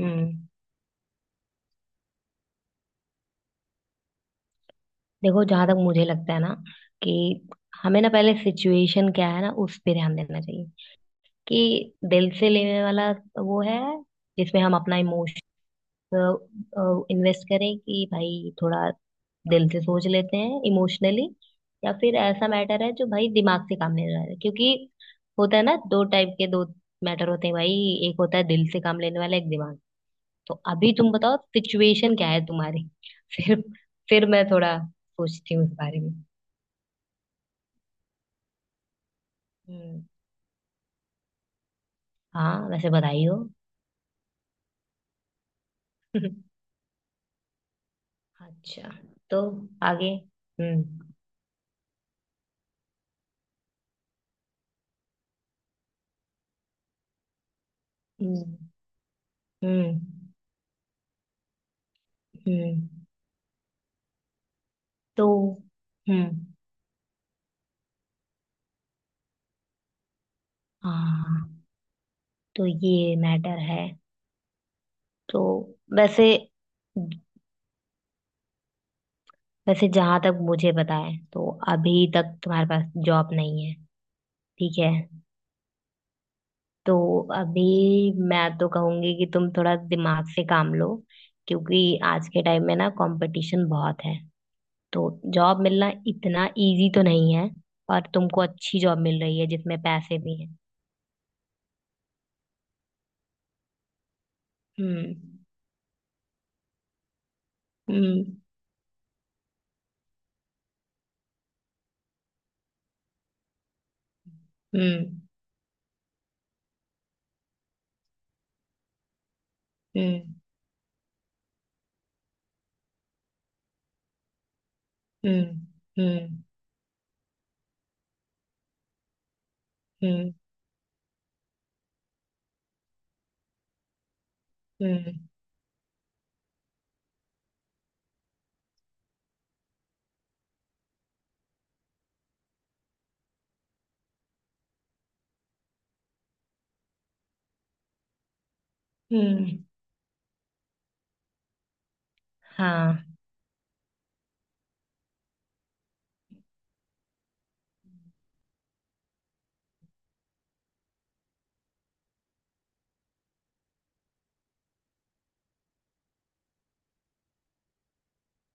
हम्म। देखो, जहां तक मुझे लगता है ना कि हमें ना पहले सिचुएशन क्या है ना, उस पे ध्यान देना चाहिए। कि दिल से लेने वाला वो है जिसमें हम अपना इमोशन इन्वेस्ट करें, कि भाई थोड़ा दिल से सोच लेते हैं, इमोशनली, या फिर ऐसा मैटर है जो भाई दिमाग से काम लेने वाला है। क्योंकि होता है ना, दो टाइप के दो मैटर होते हैं भाई। एक होता है दिल से काम लेने वाला, एक दिमाग। तो अभी तुम बताओ सिचुएशन क्या है तुम्हारी। फिर फिर मैं थोड़ा सोचती हूँ इस बारे में। हम्म। हाँ, वैसे बधाई हो। अच्छा। तो आगे। हम्म। हम्म। हम्म हम्म। तो। हम्म। हाँ। तो ये मैटर है। तो वैसे वैसे जहां तक मुझे पता है तो अभी तक तुम्हारे पास जॉब नहीं है। ठीक है। तो अभी मैं तो कहूंगी कि तुम थोड़ा दिमाग से काम लो। क्योंकि आज के टाइम में ना कंपटीशन बहुत है। तो जॉब मिलना इतना इजी तो नहीं है। और तुमको अच्छी जॉब मिल रही है जिसमें पैसे भी हैं। हम्म। हम्म। हम्म। हम्म। हम्म। हम्म। हम्म। हम्म हम्म। हाँ।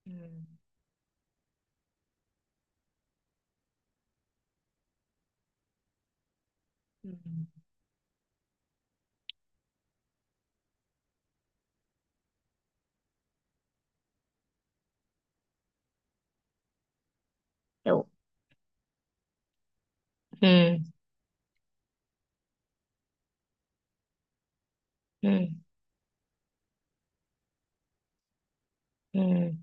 हम्म हम्म। तो। हम्म। हम्म। हम्म।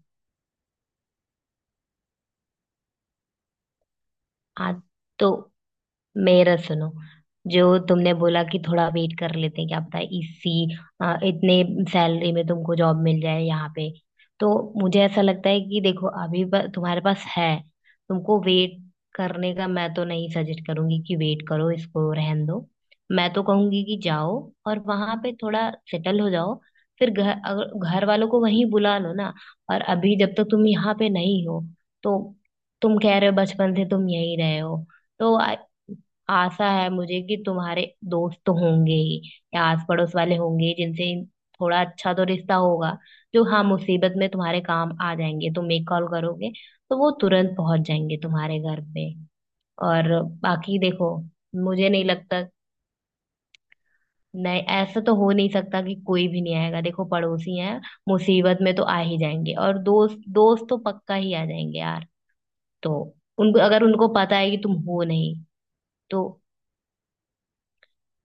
आज तो मेरा सुनो, जो तुमने बोला कि थोड़ा वेट कर लेते हैं, क्या पता इसी इतने सैलरी में तुमको जॉब मिल जाए यहाँ पे। तो मुझे ऐसा लगता है कि देखो अभी तुम्हारे पास है, तुमको वेट करने का मैं तो नहीं सजेस्ट करूंगी कि वेट करो, इसको रहन दो। मैं तो कहूंगी कि जाओ और वहां पे थोड़ा सेटल हो जाओ। फिर घर, अगर घर वालों को वहीं बुला लो ना। और अभी जब तक तुम यहाँ पे नहीं हो, तो तुम कह रहे हो बचपन से तुम यहीं रहे हो। तो आशा है मुझे कि तुम्हारे दोस्त तो होंगे ही, या आस पड़ोस वाले होंगे ही जिनसे थोड़ा अच्छा तो रिश्ता होगा, जो हाँ मुसीबत में तुम्हारे काम आ जाएंगे। तुम एक कॉल करोगे तो वो तुरंत पहुंच जाएंगे तुम्हारे घर पे। और बाकी देखो, मुझे नहीं लगता। नहीं, ऐसा तो हो नहीं सकता कि कोई भी नहीं आएगा। देखो पड़ोसी हैं, मुसीबत में तो आ ही जाएंगे। और दोस्त, दोस्त तो पक्का ही आ जाएंगे यार। तो उनको, अगर उनको पता है कि तुम हो नहीं, तो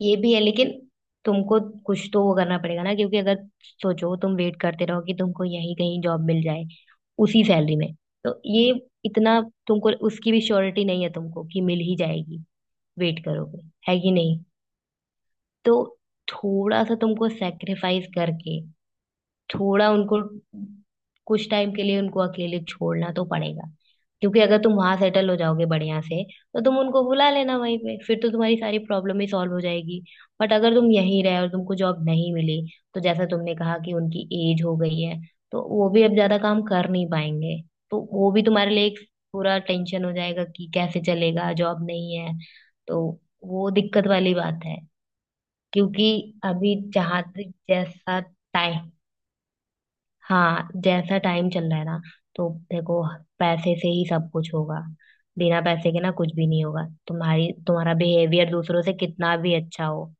ये भी है। लेकिन तुमको कुछ तो वो करना पड़ेगा ना। क्योंकि अगर सोचो तुम वेट करते रहो कि तुमको यहीं कहीं जॉब मिल जाए उसी सैलरी में, तो ये इतना, तुमको उसकी भी श्योरिटी नहीं है तुमको कि मिल ही जाएगी। वेट करोगे, है कि नहीं। तो थोड़ा सा तुमको सेक्रीफाइस करके थोड़ा उनको, कुछ टाइम के लिए उनको अकेले छोड़ना तो पड़ेगा। क्योंकि अगर तुम वहां सेटल हो जाओगे बढ़िया से तो तुम उनको बुला लेना वहीं पे, फिर तो तुम्हारी सारी प्रॉब्लम ही सॉल्व हो जाएगी। बट अगर तुम यहीं रहे और तुमको जॉब नहीं मिली, तो जैसा तुमने कहा कि उनकी एज हो गई है, तो वो भी अब ज्यादा काम कर नहीं पाएंगे। तो वो भी तुम्हारे लिए एक पूरा टेंशन हो जाएगा कि कैसे चलेगा, जॉब नहीं है। तो वो दिक्कत वाली बात है। क्योंकि अभी जहां तक जैसा, हाँ जैसा टाइम चल रहा है ना, तो देखो पैसे से ही सब कुछ होगा, बिना पैसे के ना कुछ भी नहीं होगा। तुम्हारी तुम्हारा बिहेवियर दूसरों से कितना भी अच्छा हो,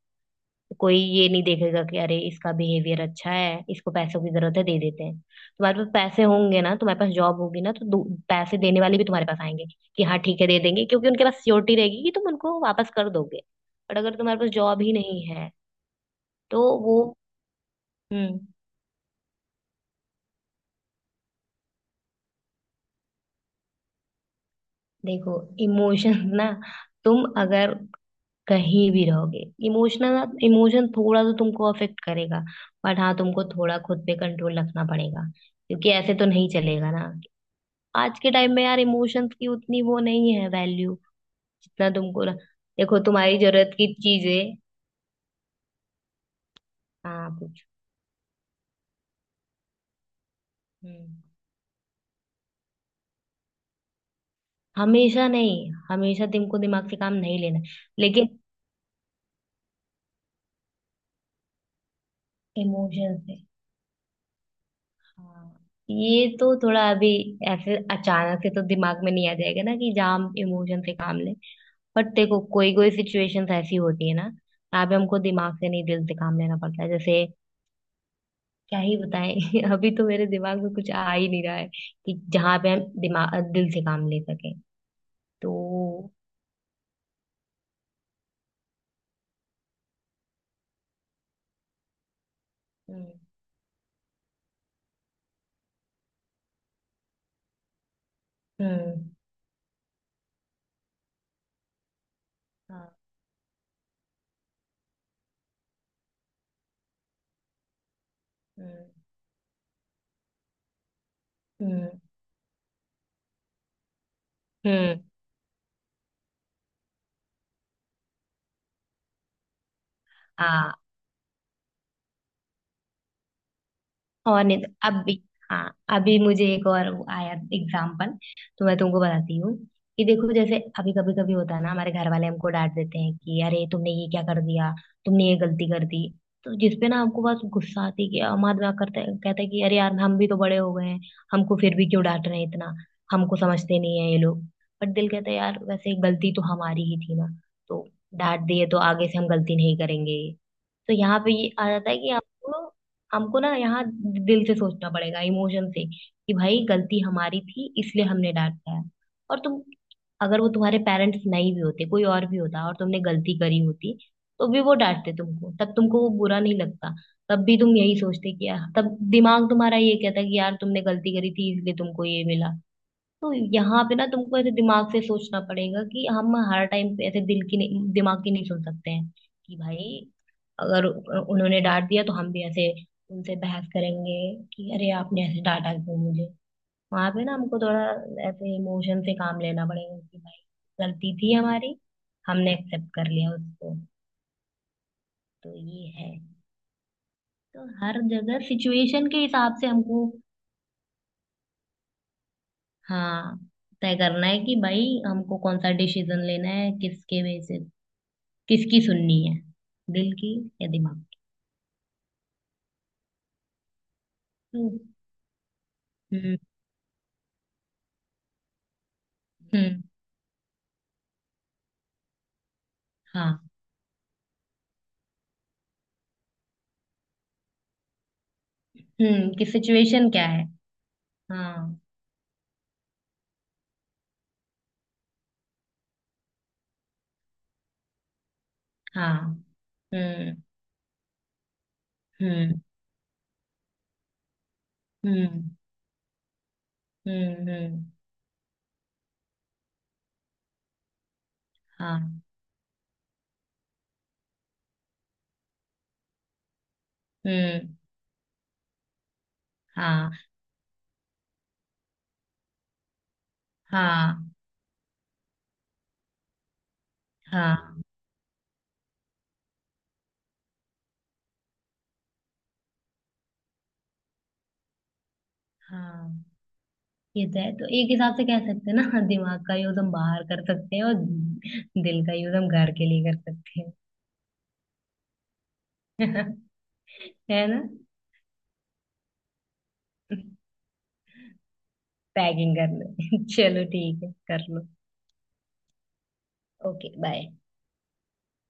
कोई ये नहीं देखेगा कि अरे इसका बिहेवियर अच्छा है, इसको पैसों की जरूरत है दे देते हैं। तुम्हारे पास पैसे होंगे ना, तुम्हारे पास जॉब होगी ना, तो पैसे देने वाले भी तुम्हारे पास आएंगे कि हाँ ठीक है दे देंगे, क्योंकि उनके पास सियोरिटी रहेगी कि तुम उनको वापस कर दोगे। बट अगर तुम्हारे पास जॉब ही नहीं है, तो वो, हम्म। देखो, इमोशंस ना, तुम अगर कहीं भी रहोगे, इमोशनल, इमोशन थोड़ा तो तुमको अफेक्ट करेगा। बट हाँ, तुमको थोड़ा खुद पे कंट्रोल रखना पड़ेगा। क्योंकि ऐसे तो नहीं चलेगा ना। आज के टाइम में यार इमोशंस की उतनी वो नहीं है, वैल्यू, जितना तुमको देखो तुम्हारी जरूरत की चीजें। हाँ पूछो। हम्म। हमेशा नहीं, हमेशा तुमको दिमाग से काम नहीं लेना है। लेकिन इमोशन से, हाँ, ये तो थोड़ा अभी ऐसे अचानक से तो दिमाग में नहीं आ जाएगा ना कि जहाँ हम इमोशन से काम लें। बट देखो, कोई कोई सिचुएशंस ऐसी होती है ना, यहाँ पे हमको दिमाग से नहीं, दिल से काम लेना पड़ता है। जैसे क्या ही बताएं, अभी तो मेरे दिमाग में कुछ आ ही नहीं रहा है कि जहाँ पे हम दिमाग दिल से काम ले सकें। तो हम्म। हम्म। हाँ। हम्म हम्म हम्म। हाँ। और नहीं तो अभी, हाँ, अभी मुझे एक और वो आया एग्जाम्पल, तो मैं तुमको बताती हूँ कि देखो जैसे अभी कभी कभी होता है ना, हमारे घर वाले हमको डांट देते हैं कि अरे तुमने ये क्या कर दिया, तुमने ये गलती कर दी। तो जिसपे ना हमको बस गुस्सा आती है कि हम आदमी करते, कहता है कि अरे यार हम भी तो बड़े हो गए हैं, हमको फिर भी क्यों डांट रहे हैं इतना, हमको समझते नहीं है ये लोग। बट दिल कहता है यार वैसे गलती तो हमारी ही थी ना। तो डांट दिए तो आगे से हम गलती नहीं करेंगे। तो यहाँ पे ये आ जाता है कि आपको, हमको ना यहाँ दिल से सोचना पड़ेगा, इमोशन से, कि भाई गलती हमारी थी इसलिए हमने डांटा है। और तुम, अगर वो तुम्हारे पेरेंट्स नहीं भी होते, कोई और भी होता और तुमने गलती करी होती, तो भी वो डांटते तुमको, तब तुमको वो बुरा नहीं लगता। तब भी तुम यही सोचते कि यार, तब दिमाग तुम्हारा ये कहता कि यार तुमने गलती करी थी इसलिए तुमको ये मिला। तो यहाँ पे ना तुमको ऐसे दिमाग से सोचना पड़ेगा कि हम हर टाइम पे ऐसे दिल की नहीं, दिमाग की नहीं सोच सकते हैं। कि भाई अगर उन्होंने डांट दिया तो हम भी ऐसे उनसे बहस करेंगे कि अरे आपने ऐसे डांटा क्यों मुझे। वहां पे ना हमको थोड़ा ऐसे इमोशन से काम लेना पड़ेगा कि भाई गलती थी हमारी, हमने एक्सेप्ट कर लिया उसको। तो ये है। तो हर जगह सिचुएशन के हिसाब से हमको, हाँ, तय करना है कि भाई हमको कौन सा डिसीजन लेना है, किसके बेसिस, किसकी सुननी है, दिल की या दिमाग की। हम्म। हम्म। हम्म। हाँ। कि सिचुएशन क्या है। हाँ। हाँ। हम्म। हम्म। हम्म। हम्म। हम्म। हाँ। हम्म। हाँ। हाँ। हाँ। हाँ, ये तो है। तो एक हिसाब से कह सकते हैं ना, दिमाग का यूज हम बाहर कर सकते हैं और दिल का यूज हम घर के लिए कर सकते हैं, है ना। पैकिंग करने चलो ठीक है कर लो। Okay bye.